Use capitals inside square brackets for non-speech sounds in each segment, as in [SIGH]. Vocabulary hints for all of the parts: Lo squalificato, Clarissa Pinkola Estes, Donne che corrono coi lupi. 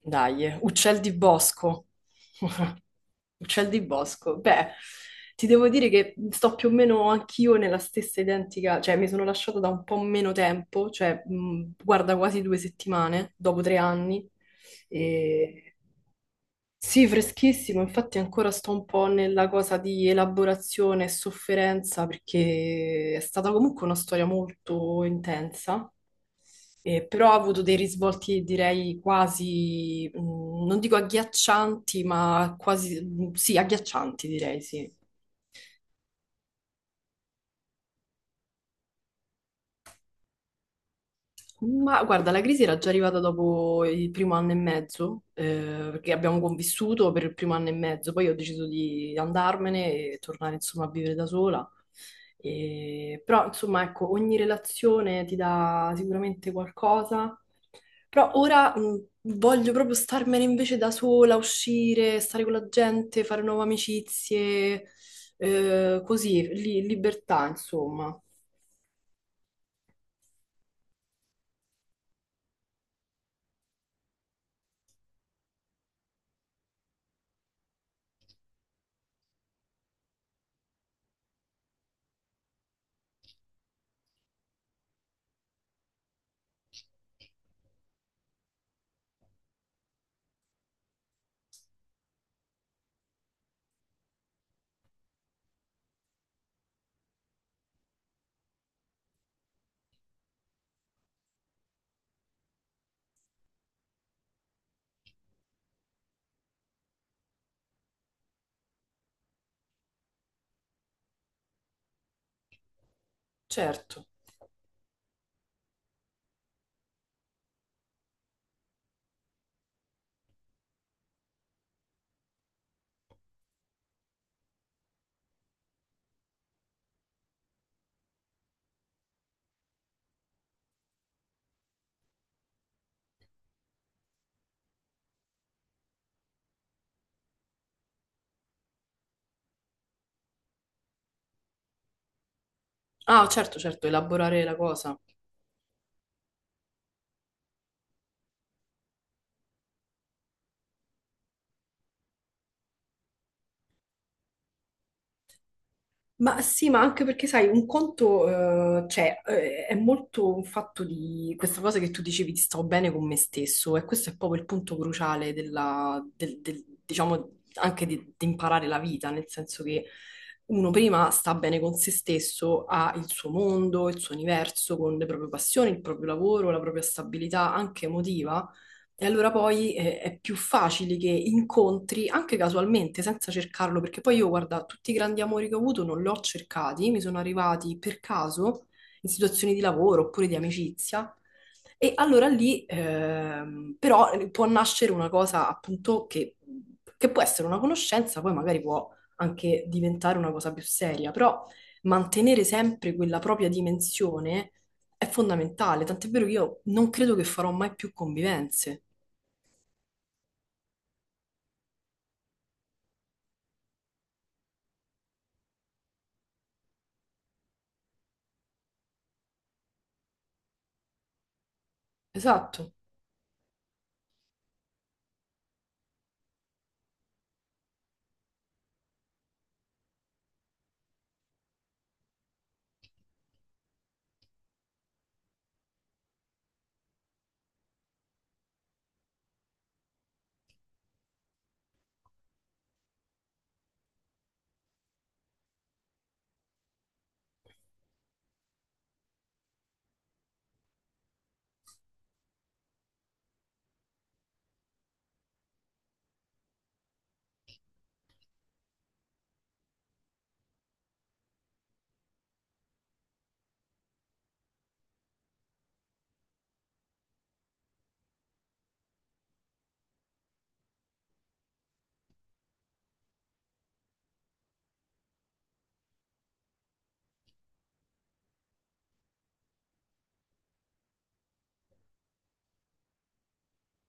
Dai, uccel di bosco. [LAUGHS] Uccel di bosco. Beh, ti devo dire che sto più o meno anch'io nella stessa identica, cioè mi sono lasciata da un po' meno tempo, cioè guarda quasi due settimane, dopo tre anni. E... Sì, freschissimo, infatti ancora sto un po' nella cosa di elaborazione e sofferenza perché è stata comunque una storia molto intensa però ha avuto dei risvolti, direi, quasi, non dico agghiaccianti, ma quasi, sì, agghiaccianti, direi, sì. Ma guarda, la crisi era già arrivata dopo il primo anno e mezzo, perché abbiamo convissuto per il primo anno e mezzo, poi ho deciso di andarmene e tornare, insomma, a vivere da sola. Però, insomma, ecco, ogni relazione ti dà sicuramente qualcosa. Però ora voglio proprio starmene invece da sola, uscire, stare con la gente, fare nuove amicizie, così, libertà, insomma. Certo. Ah, certo, certo, elaborare la cosa. Ma sì, ma anche perché sai, un conto, cioè, è molto un fatto di questa cosa che tu dicevi, ti stavo bene con me stesso, e questo è proprio il punto cruciale diciamo, anche di imparare la vita, nel senso che uno prima sta bene con se stesso, ha il suo mondo, il suo universo, con le proprie passioni, il proprio lavoro, la propria stabilità anche emotiva. E allora poi è più facile che incontri, anche casualmente, senza cercarlo, perché poi io, guarda, tutti i grandi amori che ho avuto non li ho cercati, mi sono arrivati per caso in situazioni di lavoro oppure di amicizia. E allora lì, però, può nascere una cosa appunto che può essere una conoscenza, poi magari può anche diventare una cosa più seria, però mantenere sempre quella propria dimensione è fondamentale, tant'è vero che io non credo che farò mai più convivenze. Esatto,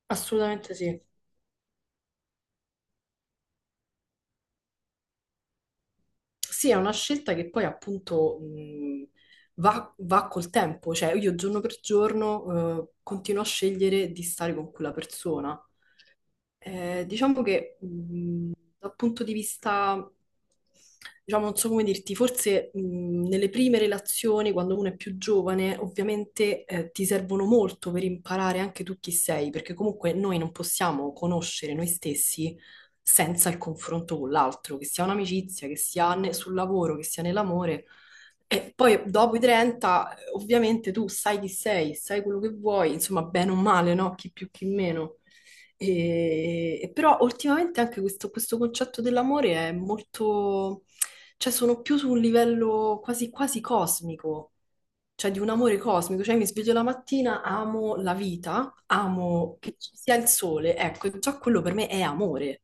assolutamente sì. Sì, è una scelta che poi appunto va col tempo, cioè io giorno per giorno continuo a scegliere di stare con quella persona. Diciamo che dal punto di vista, diciamo, non so come dirti, forse nelle prime relazioni, quando uno è più giovane, ovviamente ti servono molto per imparare anche tu chi sei, perché comunque noi non possiamo conoscere noi stessi senza il confronto con l'altro, che sia un'amicizia, che sia sul lavoro, che sia nell'amore. E poi dopo i 30 ovviamente tu sai chi sei, sai quello che vuoi, insomma, bene o male, no? Chi più, chi meno. E però ultimamente anche questo concetto dell'amore è molto, cioè sono più su un livello quasi cosmico, cioè di un amore cosmico, cioè mi sveglio la mattina, amo la vita, amo che ci sia il sole, ecco, già quello per me è amore.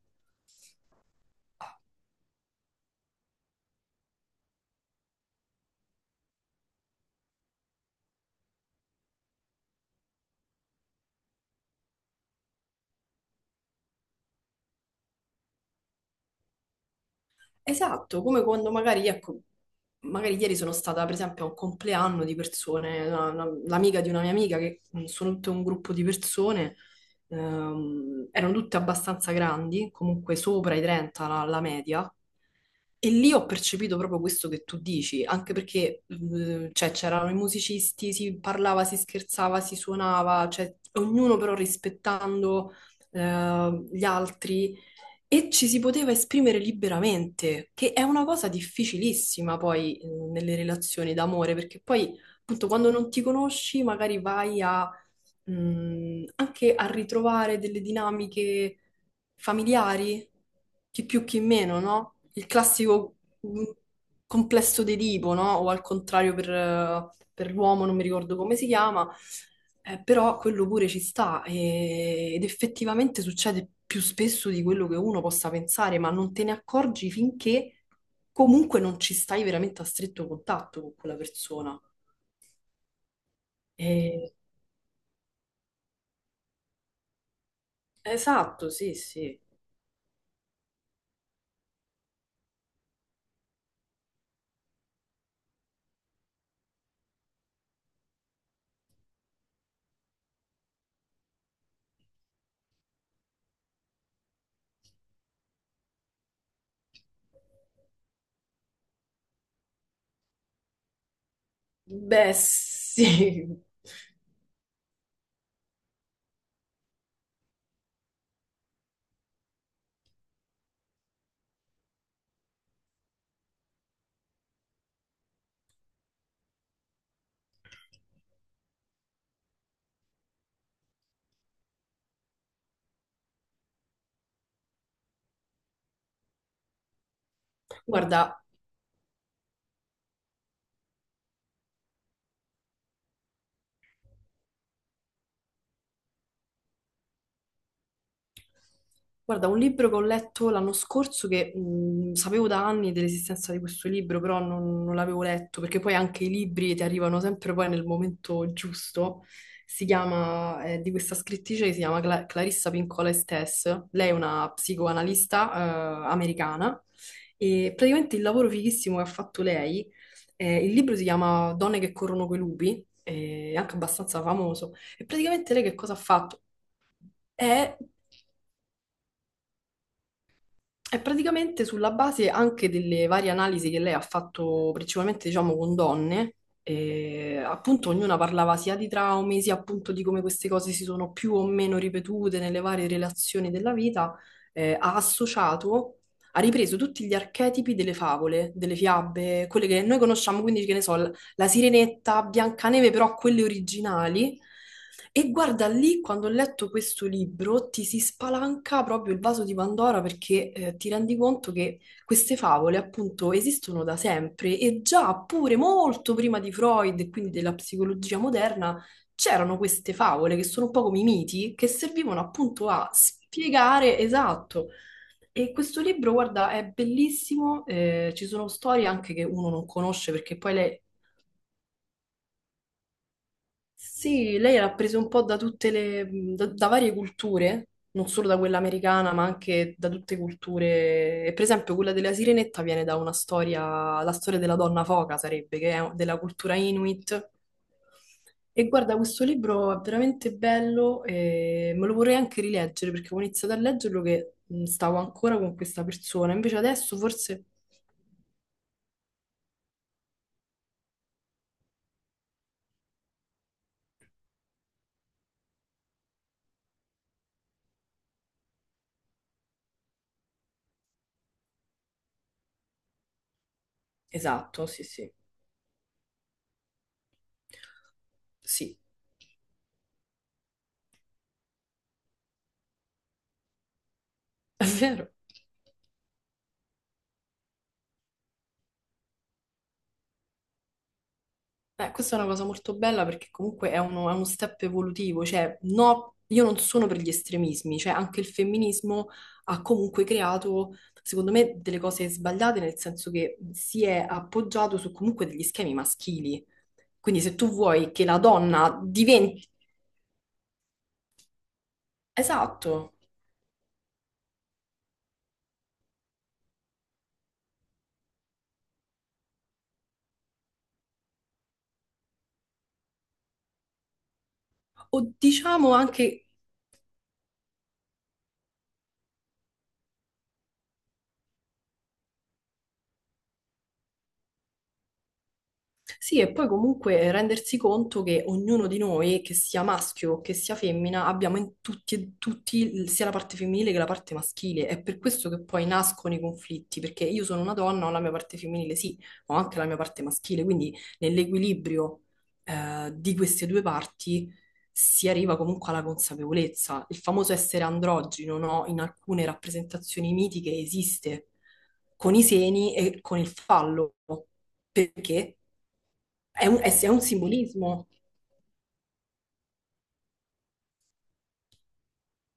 Esatto, come quando magari, ecco, magari ieri sono stata per esempio a un compleanno di persone, l'amica di una mia amica, che sono tutto un gruppo di persone, erano tutte abbastanza grandi, comunque sopra i 30 la media, e lì ho percepito proprio questo che tu dici, anche perché cioè, c'erano i musicisti, si parlava, si scherzava, si suonava, cioè, ognuno però rispettando gli altri. E ci si poteva esprimere liberamente, che è una cosa difficilissima poi nelle relazioni d'amore, perché poi appunto quando non ti conosci magari anche a ritrovare delle dinamiche familiari, chi più chi meno, no? Il classico un complesso di tipo, no? O al contrario per l'uomo, non mi ricordo come si chiama, però quello pure ci sta ed effettivamente succede più spesso di quello che uno possa pensare, ma non te ne accorgi finché comunque non ci stai veramente a stretto contatto con quella persona. E- Esatto, sì, sì. Beh, sì. [LAUGHS] Guarda, Guarda, un libro che ho letto l'anno scorso che sapevo da anni dell'esistenza di questo libro, però non l'avevo letto, perché poi anche i libri ti arrivano sempre poi nel momento giusto. Si chiama, è di questa scrittrice che si chiama Clarissa Pinkola Estes. Lei è una psicoanalista, americana e praticamente il lavoro fighissimo che ha fatto lei, il libro si chiama Donne che corrono coi lupi, è anche abbastanza famoso. E praticamente lei che cosa ha fatto? È È praticamente sulla base anche delle varie analisi che lei ha fatto, principalmente diciamo con donne, e appunto ognuna parlava sia di traumi, sia appunto di come queste cose si sono più o meno ripetute nelle varie relazioni della vita, ha associato, ha ripreso tutti gli archetipi delle favole, delle fiabe, quelle che noi conosciamo, quindi che ne so, la Sirenetta, Biancaneve, però quelle originali. E guarda lì, quando ho letto questo libro, ti si spalanca proprio il vaso di Pandora perché ti rendi conto che queste favole appunto esistono da sempre e già pure molto prima di Freud e quindi della psicologia moderna c'erano queste favole che sono un po' come i miti che servivano appunto a spiegare esatto. E questo libro, guarda, è bellissimo, ci sono storie anche che uno non conosce perché poi le sì, lei era presa un po' da tutte da varie culture, non solo da quella americana, ma anche da tutte culture. E per esempio, quella della Sirenetta viene da una storia, la storia della donna foca sarebbe, che è della cultura Inuit. E guarda, questo libro è veramente bello e me lo vorrei anche rileggere perché avevo iniziato a leggerlo che stavo ancora con questa persona. Invece adesso forse... Esatto, sì, sì, sì, [LAUGHS] è vero. Beh, questa è una cosa molto bella perché comunque è uno step evolutivo, cioè no, io non sono per gli estremismi, cioè anche il femminismo ha comunque creato, secondo me, delle cose sbagliate, nel senso che si è appoggiato su comunque degli schemi maschili. Quindi se tu vuoi che la donna diventi... Esatto, o diciamo anche sì, e poi comunque rendersi conto che ognuno di noi, che sia maschio o che sia femmina, abbiamo in tutti e tutti il- sia la parte femminile che la parte maschile. È per questo che poi nascono i conflitti, perché io sono una donna, ho la mia parte femminile, sì, ma ho anche la mia parte maschile, quindi nell'equilibrio di queste due parti si arriva comunque alla consapevolezza. Il famoso essere androgino, no? In alcune rappresentazioni mitiche esiste con i seni e con il fallo, perché è un, è un simbolismo.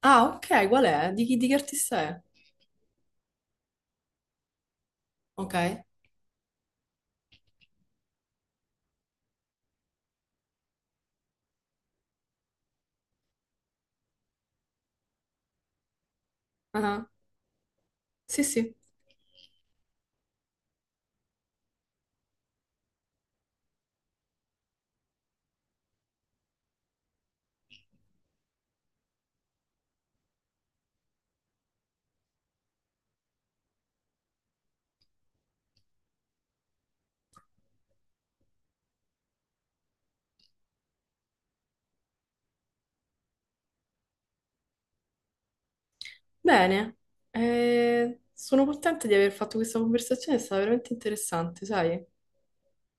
Ah, ok, qual è? Di chi, di che artista è? Ok. Ah, sì, sì. Bene. Sono contenta di aver fatto questa conversazione, è stata veramente interessante, sai?